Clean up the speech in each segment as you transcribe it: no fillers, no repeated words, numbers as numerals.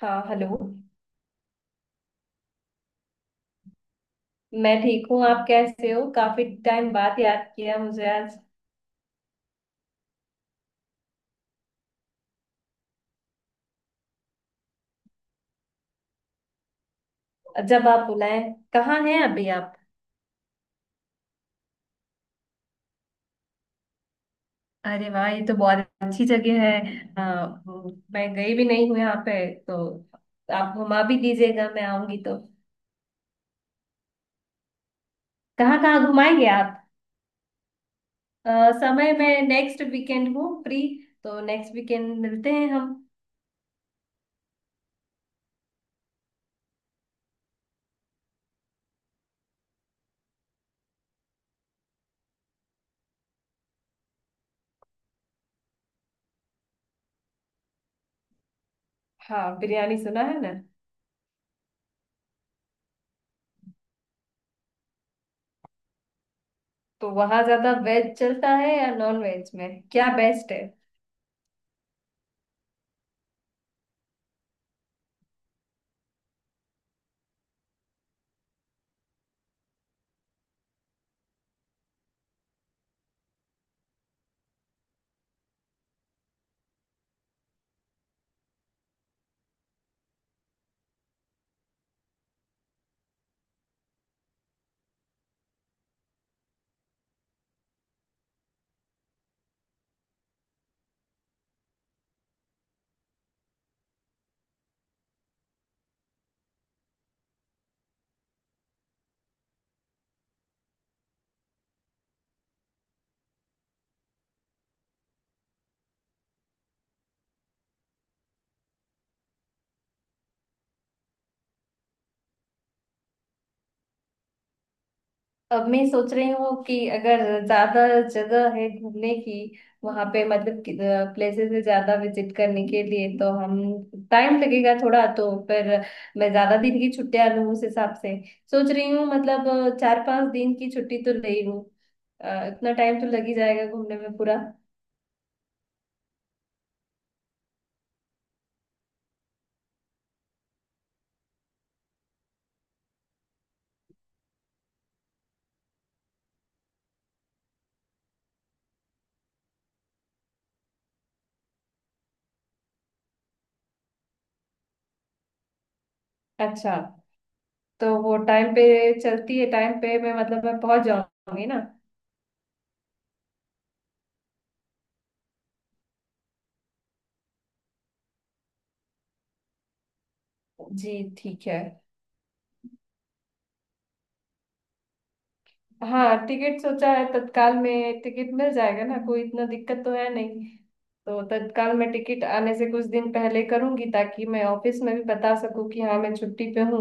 हाँ, हेलो। मैं ठीक हूँ, आप कैसे हो? काफी टाइम बाद याद किया मुझे आज। जब आप बुलाए। कहाँ हैं अभी आप? अरे वाह, ये तो बहुत अच्छी जगह है। आ, मैं गई भी नहीं हूँ यहाँ पे तो आप घुमा भी दीजिएगा मैं आऊंगी तो। कहाँ कहाँ घुमाएंगे आप? समय मैं नेक्स्ट वीकेंड हूँ फ्री तो नेक्स्ट वीकेंड मिलते हैं हम। हाँ, बिरयानी सुना है ना। तो वहाँ ज्यादा वेज चलता है या नॉन वेज में क्या बेस्ट है? अब मैं सोच रही हूँ कि अगर ज्यादा जगह है घूमने की वहां पे मतलब प्लेसेस है ज्यादा विजिट करने के लिए तो हम, टाइम लगेगा थोड़ा तो, पर मैं ज्यादा दिन की छुट्टियां लूँ उस हिसाब से सोच रही हूँ, मतलब 4-5 दिन की छुट्टी तो ले लूँ। इतना टाइम तो लग ही जाएगा घूमने में पूरा। अच्छा। तो वो टाइम पे चलती है टाइम पे, मैं, मतलब मैं पहुंच जाऊंगी ना? जी। ठीक है। हाँ, टिकट सोचा है, तत्काल में टिकट मिल जाएगा ना, कोई इतना दिक्कत तो है नहीं। तो तत्काल में टिकट आने से कुछ दिन पहले करूंगी ताकि मैं ऑफिस में भी बता सकूं कि हाँ मैं छुट्टी पे हूँ।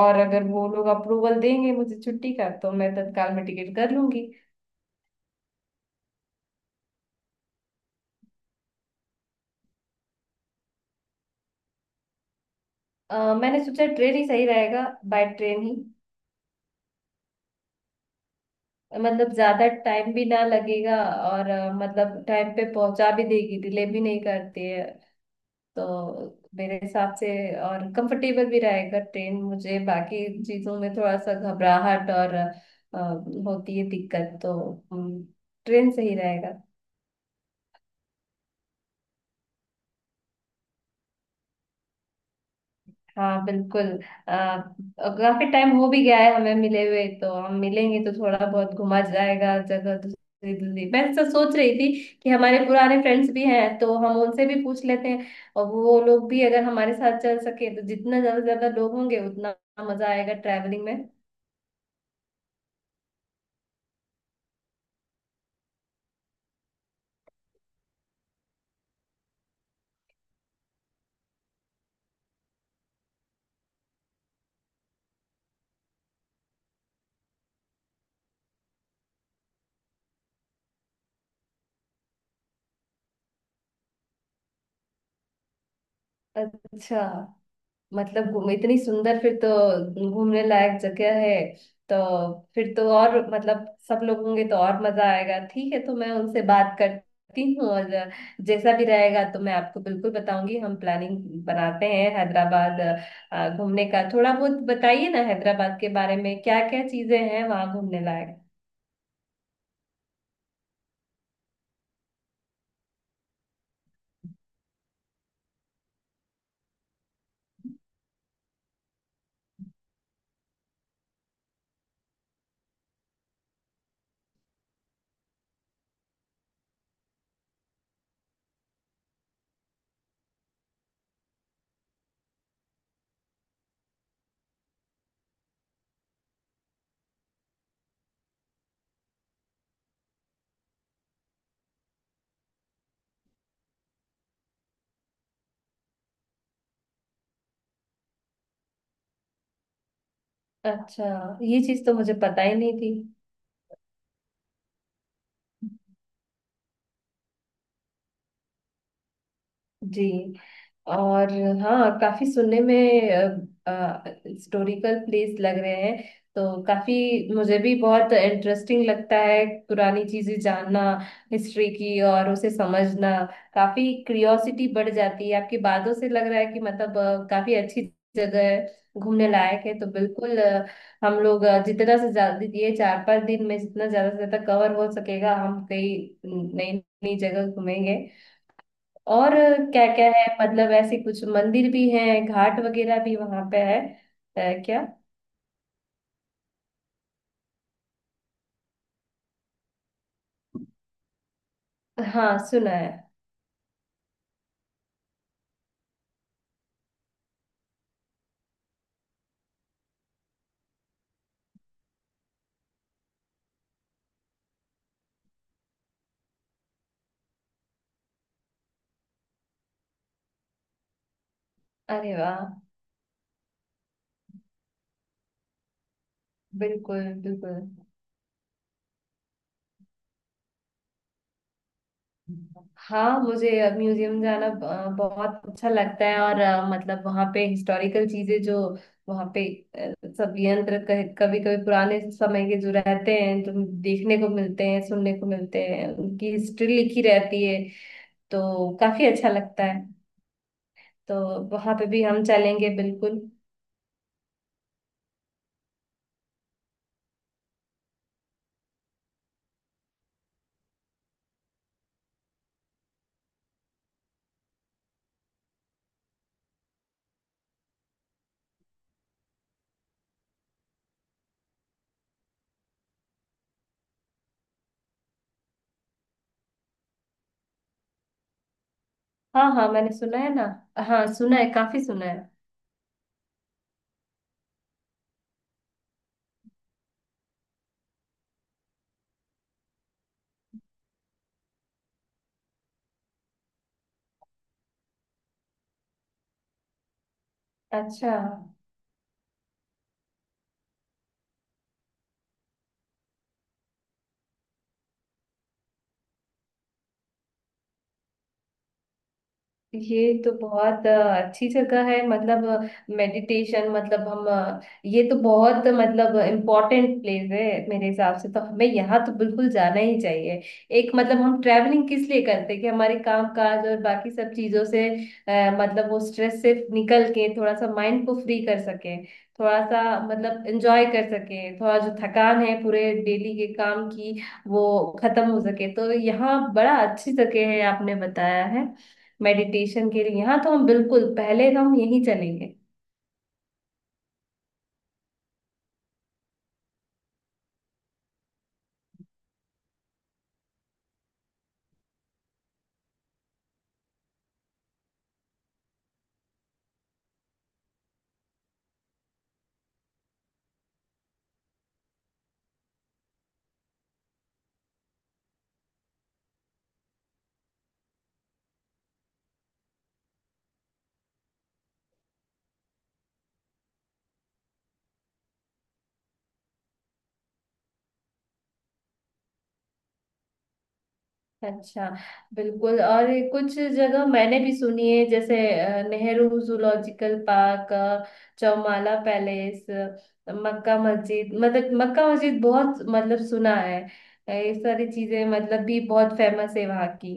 और अगर वो लोग अप्रूवल देंगे मुझे छुट्टी का तो मैं तत्काल में टिकट कर लूंगी। मैंने सोचा ट्रेन ही सही रहेगा, बाय ट्रेन ही। मतलब ज्यादा टाइम भी ना लगेगा और मतलब टाइम पे पहुंचा भी देगी, डिले भी नहीं करती है, तो मेरे हिसाब से और कंफर्टेबल भी रहेगा ट्रेन। मुझे बाकी चीजों में थोड़ा सा घबराहट और होती है दिक्कत, तो हम्म, ट्रेन सही रहेगा। हाँ बिल्कुल। और काफी टाइम हो भी गया है हमें मिले हुए, तो हम मिलेंगे तो थोड़ा बहुत घुमा जाएगा जगह दूसरी दूसरी। मैं ऐसा सोच रही थी कि हमारे पुराने फ्रेंड्स भी हैं तो हम उनसे भी पूछ लेते हैं। और वो लोग भी अगर हमारे साथ चल सके तो जितना ज्यादा से ज्यादा लोग होंगे उतना मजा आएगा ट्रैवलिंग में। अच्छा, मतलब घूम इतनी सुंदर, फिर तो घूमने लायक जगह है तो। फिर तो और मतलब सब लोग होंगे तो और मजा आएगा। ठीक है, तो मैं उनसे बात करती हूँ और जैसा भी रहेगा तो मैं आपको बिल्कुल बताऊंगी, हम प्लानिंग बनाते हैं हैदराबाद घूमने का। थोड़ा बहुत बताइए ना, हैदराबाद के बारे में क्या क्या चीजें हैं वहां घूमने लायक? अच्छा, ये चीज तो मुझे पता ही नहीं थी। जी। और हाँ, काफी सुनने में हिस्टोरिकल प्लेस लग रहे हैं तो काफी। मुझे भी बहुत इंटरेस्टिंग लगता है पुरानी चीजें जानना, हिस्ट्री की और उसे समझना। काफी क्यूरियोसिटी बढ़ जाती है, आपकी बातों से लग रहा है कि मतलब काफी अच्छी जगह है, घूमने लायक है, तो बिल्कुल हम लोग जितना से ज्यादा ये 4-5 दिन में जितना ज्यादा से ज्यादा कवर हो सकेगा, हम कई नई नई जगह घूमेंगे। और क्या क्या है मतलब, ऐसे कुछ मंदिर भी हैं, घाट वगैरह भी वहां पे है? है क्या? हाँ, सुना है। अरे वाह। बिल्कुल बिल्कुल। हाँ, मुझे म्यूजियम जाना बहुत अच्छा लगता है, और मतलब वहाँ पे हिस्टोरिकल चीजें जो वहाँ पे सब यंत्र कभी कभी पुराने समय के जो रहते हैं, जो देखने को मिलते हैं, सुनने को मिलते हैं, उनकी हिस्ट्री लिखी रहती है, तो काफी अच्छा लगता है। तो वहाँ पे भी हम चलेंगे बिल्कुल। हाँ हाँ, मैंने सुना है ना, हाँ सुना है, काफी सुना है। अच्छा, ये तो बहुत अच्छी जगह है मतलब। मेडिटेशन, मतलब हम ये तो बहुत मतलब इम्पोर्टेंट प्लेस है, मेरे हिसाब से तो हमें यहाँ तो बिल्कुल जाना ही चाहिए। एक मतलब, हम ट्रैवलिंग किस लिए करते हैं कि हमारे काम काज और बाकी सब चीजों से मतलब वो स्ट्रेस से निकल के थोड़ा सा माइंड को फ्री कर सके, थोड़ा सा मतलब एंजॉय कर सके, थोड़ा जो थकान है पूरे डेली के काम की वो खत्म हो सके। तो यहाँ बड़ा अच्छी जगह है आपने बताया है मेडिटेशन के लिए, हाँ तो हम बिल्कुल पहले हम यहीं चलेंगे। अच्छा, बिल्कुल। और ये कुछ जगह मैंने भी सुनी है, जैसे Nehru zoological park, Chowmahalla palace, मक्का मस्जिद, मतलब मक्का मस्जिद बहुत मतलब सुना है। ये सारी चीजें मतलब भी बहुत फेमस है वहाँ की।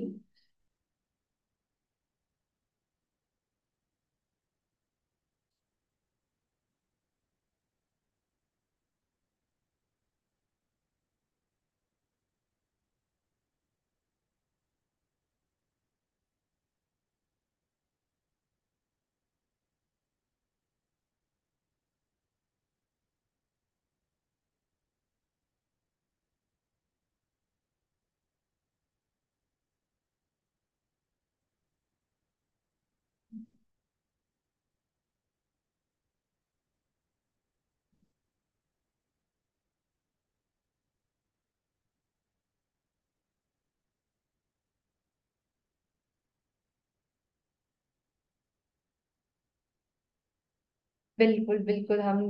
बिल्कुल बिल्कुल, हम,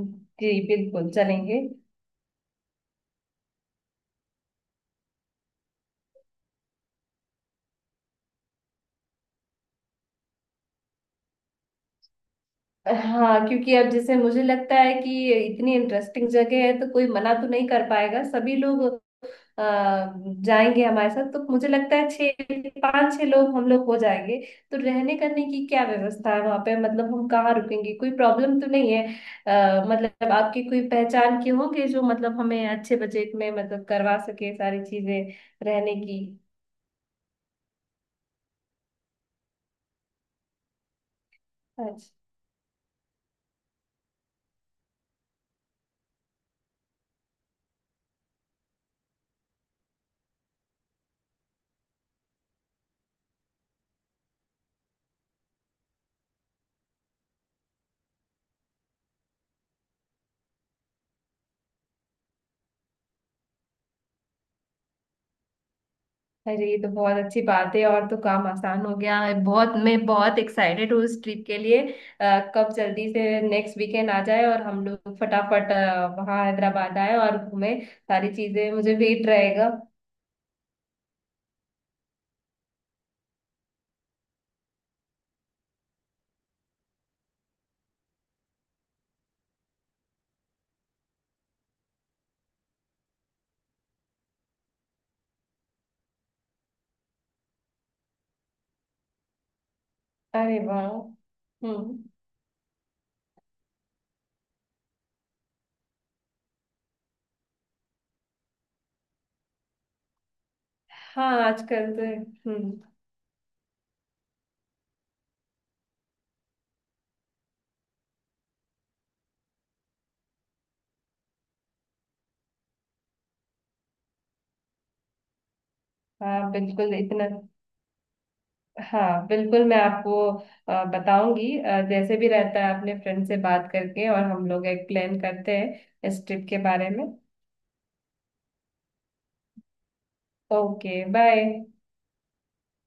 जी बिल्कुल चलेंगे। हाँ, क्योंकि अब जैसे मुझे लगता है कि इतनी इंटरेस्टिंग जगह है तो कोई मना तो नहीं कर पाएगा, सभी लोग अ, जाएंगे हमारे साथ, तो मुझे लगता है छः, पाँच छह लोग हम लोग हो जाएंगे। तो रहने करने की क्या व्यवस्था है वहाँ पे, मतलब हम कहाँ रुकेंगे, कोई प्रॉब्लम तो नहीं है? मतलब आपकी कोई पहचान के होंगे जो मतलब हमें अच्छे बजट में मतलब करवा सके सारी चीजें रहने की। अच्छा। अरे, ये तो बहुत अच्छी बात है और तो काम आसान हो गया है बहुत, मैं बहुत एक्साइटेड हूँ इस ट्रिप के लिए। कब जल्दी से नेक्स्ट वीकेंड आ जाए और हम लोग फटाफट वहाँ हैदराबाद आए और घूमे सारी चीजें, मुझे वेट रहेगा। अरे वाह। हम्म। हाँ, आजकल तो। हम्म। हाँ, बिल्कुल इतना, हाँ बिल्कुल, मैं आपको बताऊंगी जैसे भी रहता है, अपने फ्रेंड से बात करके, और हम लोग एक प्लान करते हैं इस ट्रिप के बारे में। Okay, bye.